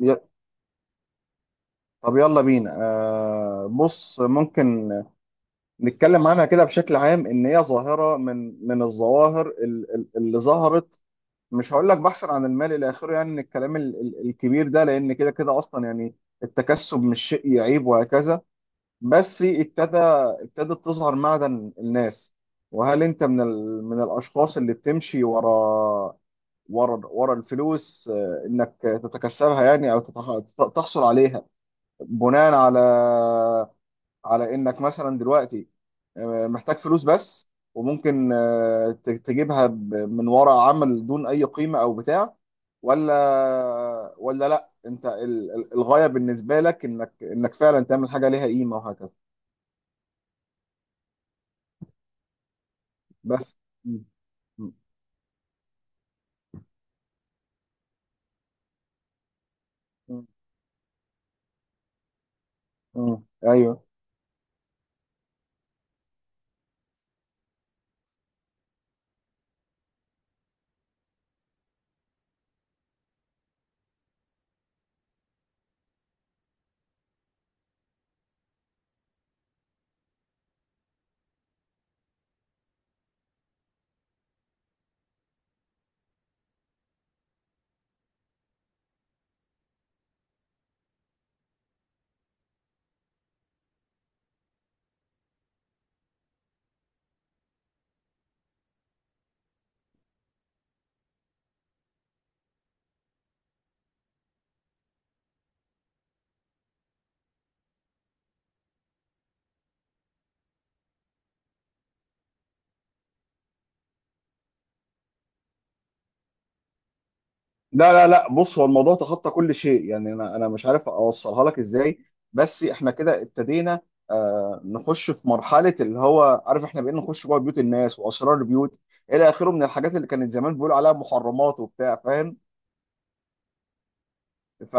ي- طب يلا بينا بص، ممكن نتكلم عنها كده بشكل عام، ان هي ظاهره من الظواهر اللي ظهرت. مش هقول لك بحثا عن المال الى اخره، يعني من الكلام الكبير ده. لان كده كده اصلا، يعني التكسب مش شيء يعيب وهكذا. بس ابتدت تظهر معدن الناس. وهل انت من الاشخاص اللي بتمشي ورا الفلوس؟ انك تتكسبها، يعني او تحصل عليها بناء على انك مثلا دلوقتي محتاج فلوس بس، وممكن تجيبها من وراء عمل دون اي قيمة او بتاع، ولا لا، انت الغاية بالنسبة لك انك فعلا تعمل حاجة ليها قيمة وهكذا. بس م- م- م- ايوه. لا لا لا، بص، هو الموضوع تخطى كل شيء، يعني انا مش عارف اوصلها لك ازاي. بس احنا كده ابتدينا نخش في مرحله اللي هو عارف، احنا بقينا نخش جوه بيوت الناس واسرار البيوت الى اخره، من الحاجات اللي كانت زمان بيقولوا عليها محرمات وبتاع، فاهم؟ ف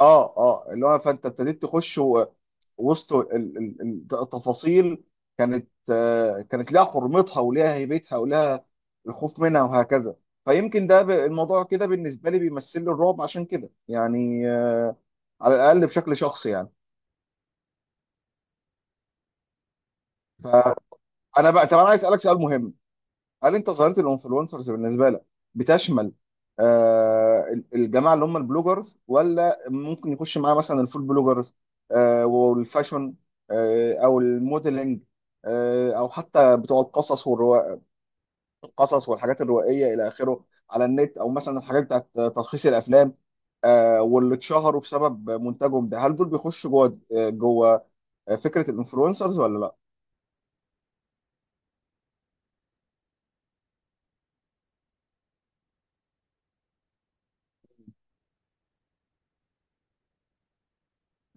اه اللي هو، فانت ابتديت تخش وسط التفاصيل. كانت لها حرمتها ولها هيبتها ولها الخوف منها وهكذا. فيمكن ده، الموضوع كده بالنسبه لي بيمثل لي الرعب، عشان كده يعني، على الاقل بشكل شخصي يعني. فانا بقى طب انا عايز اسالك سؤال مهم. هل انت ظاهره الانفلونسرز بالنسبه لك بتشمل الجماعه اللي هم البلوجرز، ولا ممكن يخش معاه مثلا الفود بلوجرز، والفاشن، او الموديلنج، او حتى بتوع القصص والحاجات الروائيه الى اخره على النت، او مثلا الحاجات بتاعت تلخيص الافلام، واللي اتشهروا بسبب منتجهم ده؟ هل دول بيخشوا جوه فكره الانفلونسرز ولا لا؟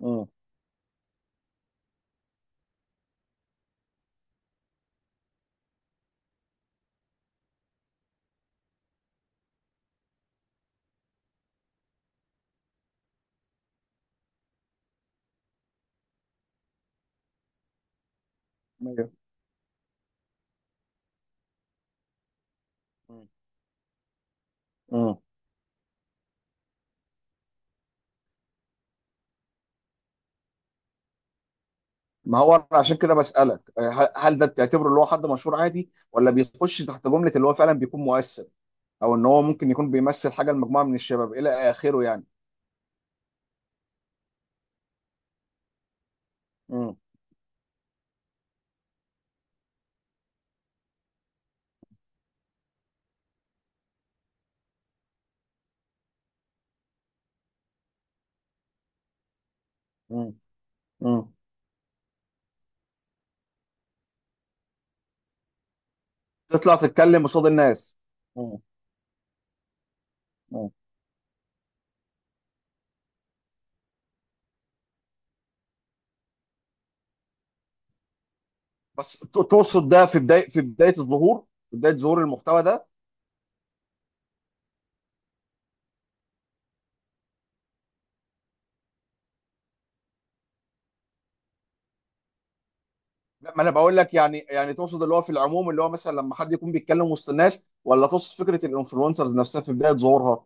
امم مم. ما هو أنا عشان كده بسألك، هل ده تعتبره اللي هو حد مشهور عادي، ولا بيخش تحت جملة اللي هو فعلا بيكون مؤثر، او ان هو ممكن يكون بيمثل حاجة لمجموعة من الشباب الى اخره يعني. مم. مم. مم. تطلع تتكلم قصاد الناس. مم. مم. بس تقصد ده في بداية في بداية الظهور، في بداية ظهور المحتوى ده؟ لا، ما انا بقول لك، يعني تقصد اللي هو في العموم، اللي هو مثلا لما حد يكون بيتكلم وسط الناس، ولا تقصد فكرة الانفلونسرز نفسها في بداية ظهورها؟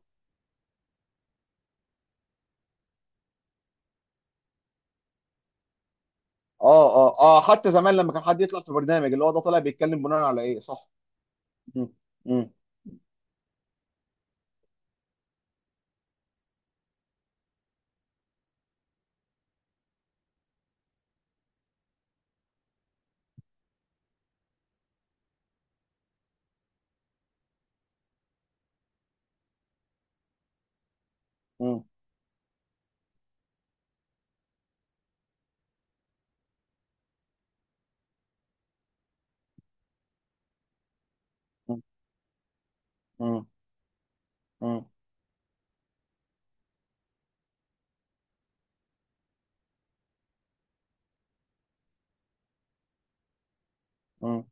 اه اه اه، حتى زمان لما كان حد يطلع في برنامج، اللي هو ده طالع بيتكلم بناء على ايه، صح؟ مم. مم. مم. مم. مم. مم.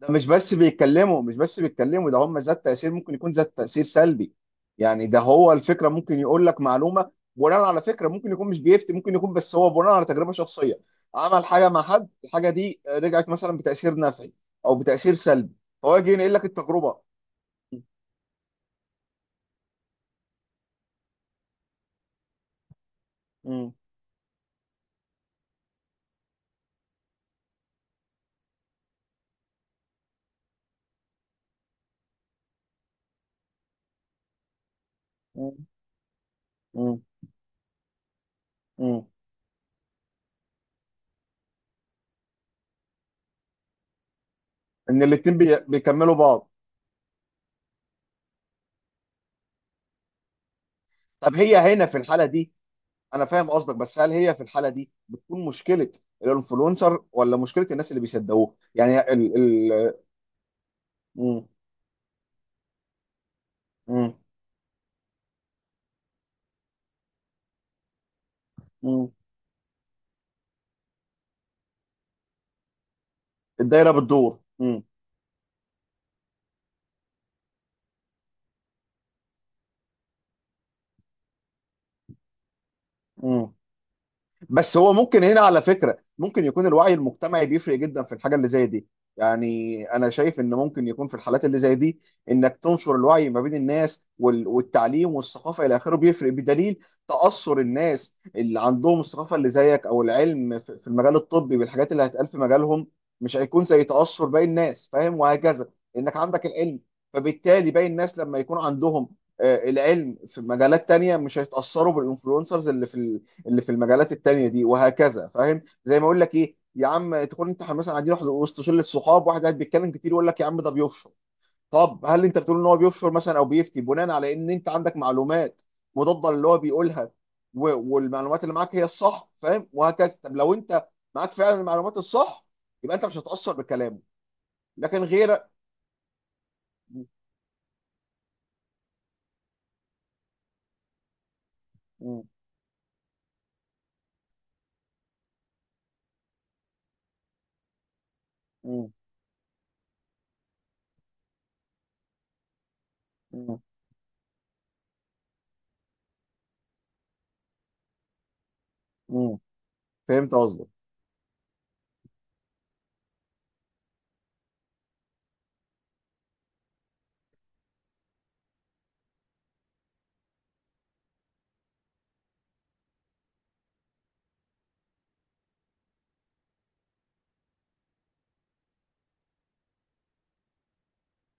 ده مش بس بيتكلموا، ده هم ذات تأثير، ممكن يكون ذات تأثير سلبي، يعني ده هو الفكرة. ممكن يقول لك معلومة بناء على فكرة، ممكن يكون مش بيفتي، ممكن يكون بس هو بناء على تجربة شخصية عمل حاجة مع حد، الحاجة دي رجعت مثلا بتأثير نفعي او بتأثير سلبي، فهو يجي ينقل لك التجربة. مم. مم. مم. مم. ان الاتنين بيكملوا بعض. طب، هي هنا في الحالة دي انا فاهم قصدك، بس هل هي في الحالة دي بتكون مشكلة الانفلونسر ولا مشكلة الناس اللي بيصدقوه، يعني ال ال مم، مم، مم. الدايرة بتدور. مم، مم. بس هو ممكن هنا على فكرة ممكن يكون الوعي المجتمعي بيفرق جدا في الحاجة اللي زي دي. يعني انا شايف ان ممكن يكون في الحالات اللي زي دي، انك تنشر الوعي ما بين الناس والتعليم والثقافة الى اخره بيفرق، بدليل تأثر الناس اللي عندهم الثقافة اللي زيك او العلم في المجال الطبي بالحاجات اللي هتقال في مجالهم، مش هيكون زي تأثر باقي الناس، فاهم؟ وهكذا. انك عندك العلم، فبالتالي باقي الناس لما يكون عندهم العلم في مجالات تانية مش هيتأثروا بالانفلونسرز اللي في المجالات التانية دي وهكذا، فاهم؟ زي ما اقول لك ايه يا عم، تكون انت مثلا قاعدين واحد وسط شله صحاب، واحد قاعد بيتكلم كتير يقول لك يا عم ده بيفشر. طب هل انت بتقول ان هو بيفشر مثلا، او بيفتي بناء على ان انت عندك معلومات مضاده للي هو بيقولها، والمعلومات اللي معاك هي الصح، فاهم؟ وهكذا. طب لو انت معاك فعلا المعلومات الصح، يبقى انت مش هتأثر بكلامه، لكن غيرك. م- م- م- م- م. فهمت قصدك.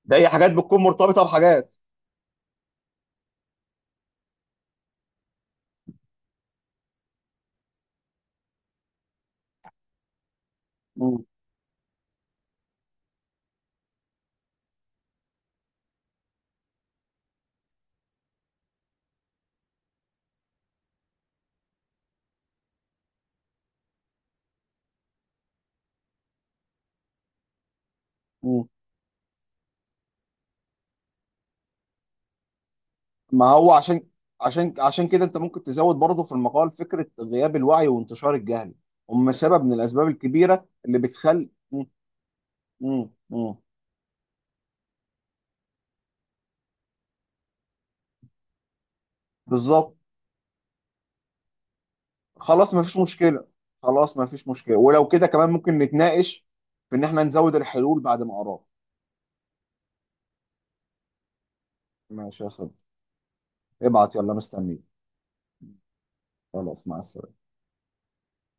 ده هي حاجات بتكون مرتبطه بحاجات. م- م. ما هو عشان كده انت ممكن تزود برضه في المقال فكره غياب الوعي وانتشار الجهل، هم سبب من الاسباب الكبيره اللي بتخلي. مم، مم، مم. بالظبط. خلاص ما فيش مشكله. خلاص ما فيش مشكله، ولو كده كمان ممكن نتناقش في ان احنا نزود الحلول بعد ما اراك. ماشي يا صديقي. ابعت يلا، مستنيك. خلاص، مع السلامه.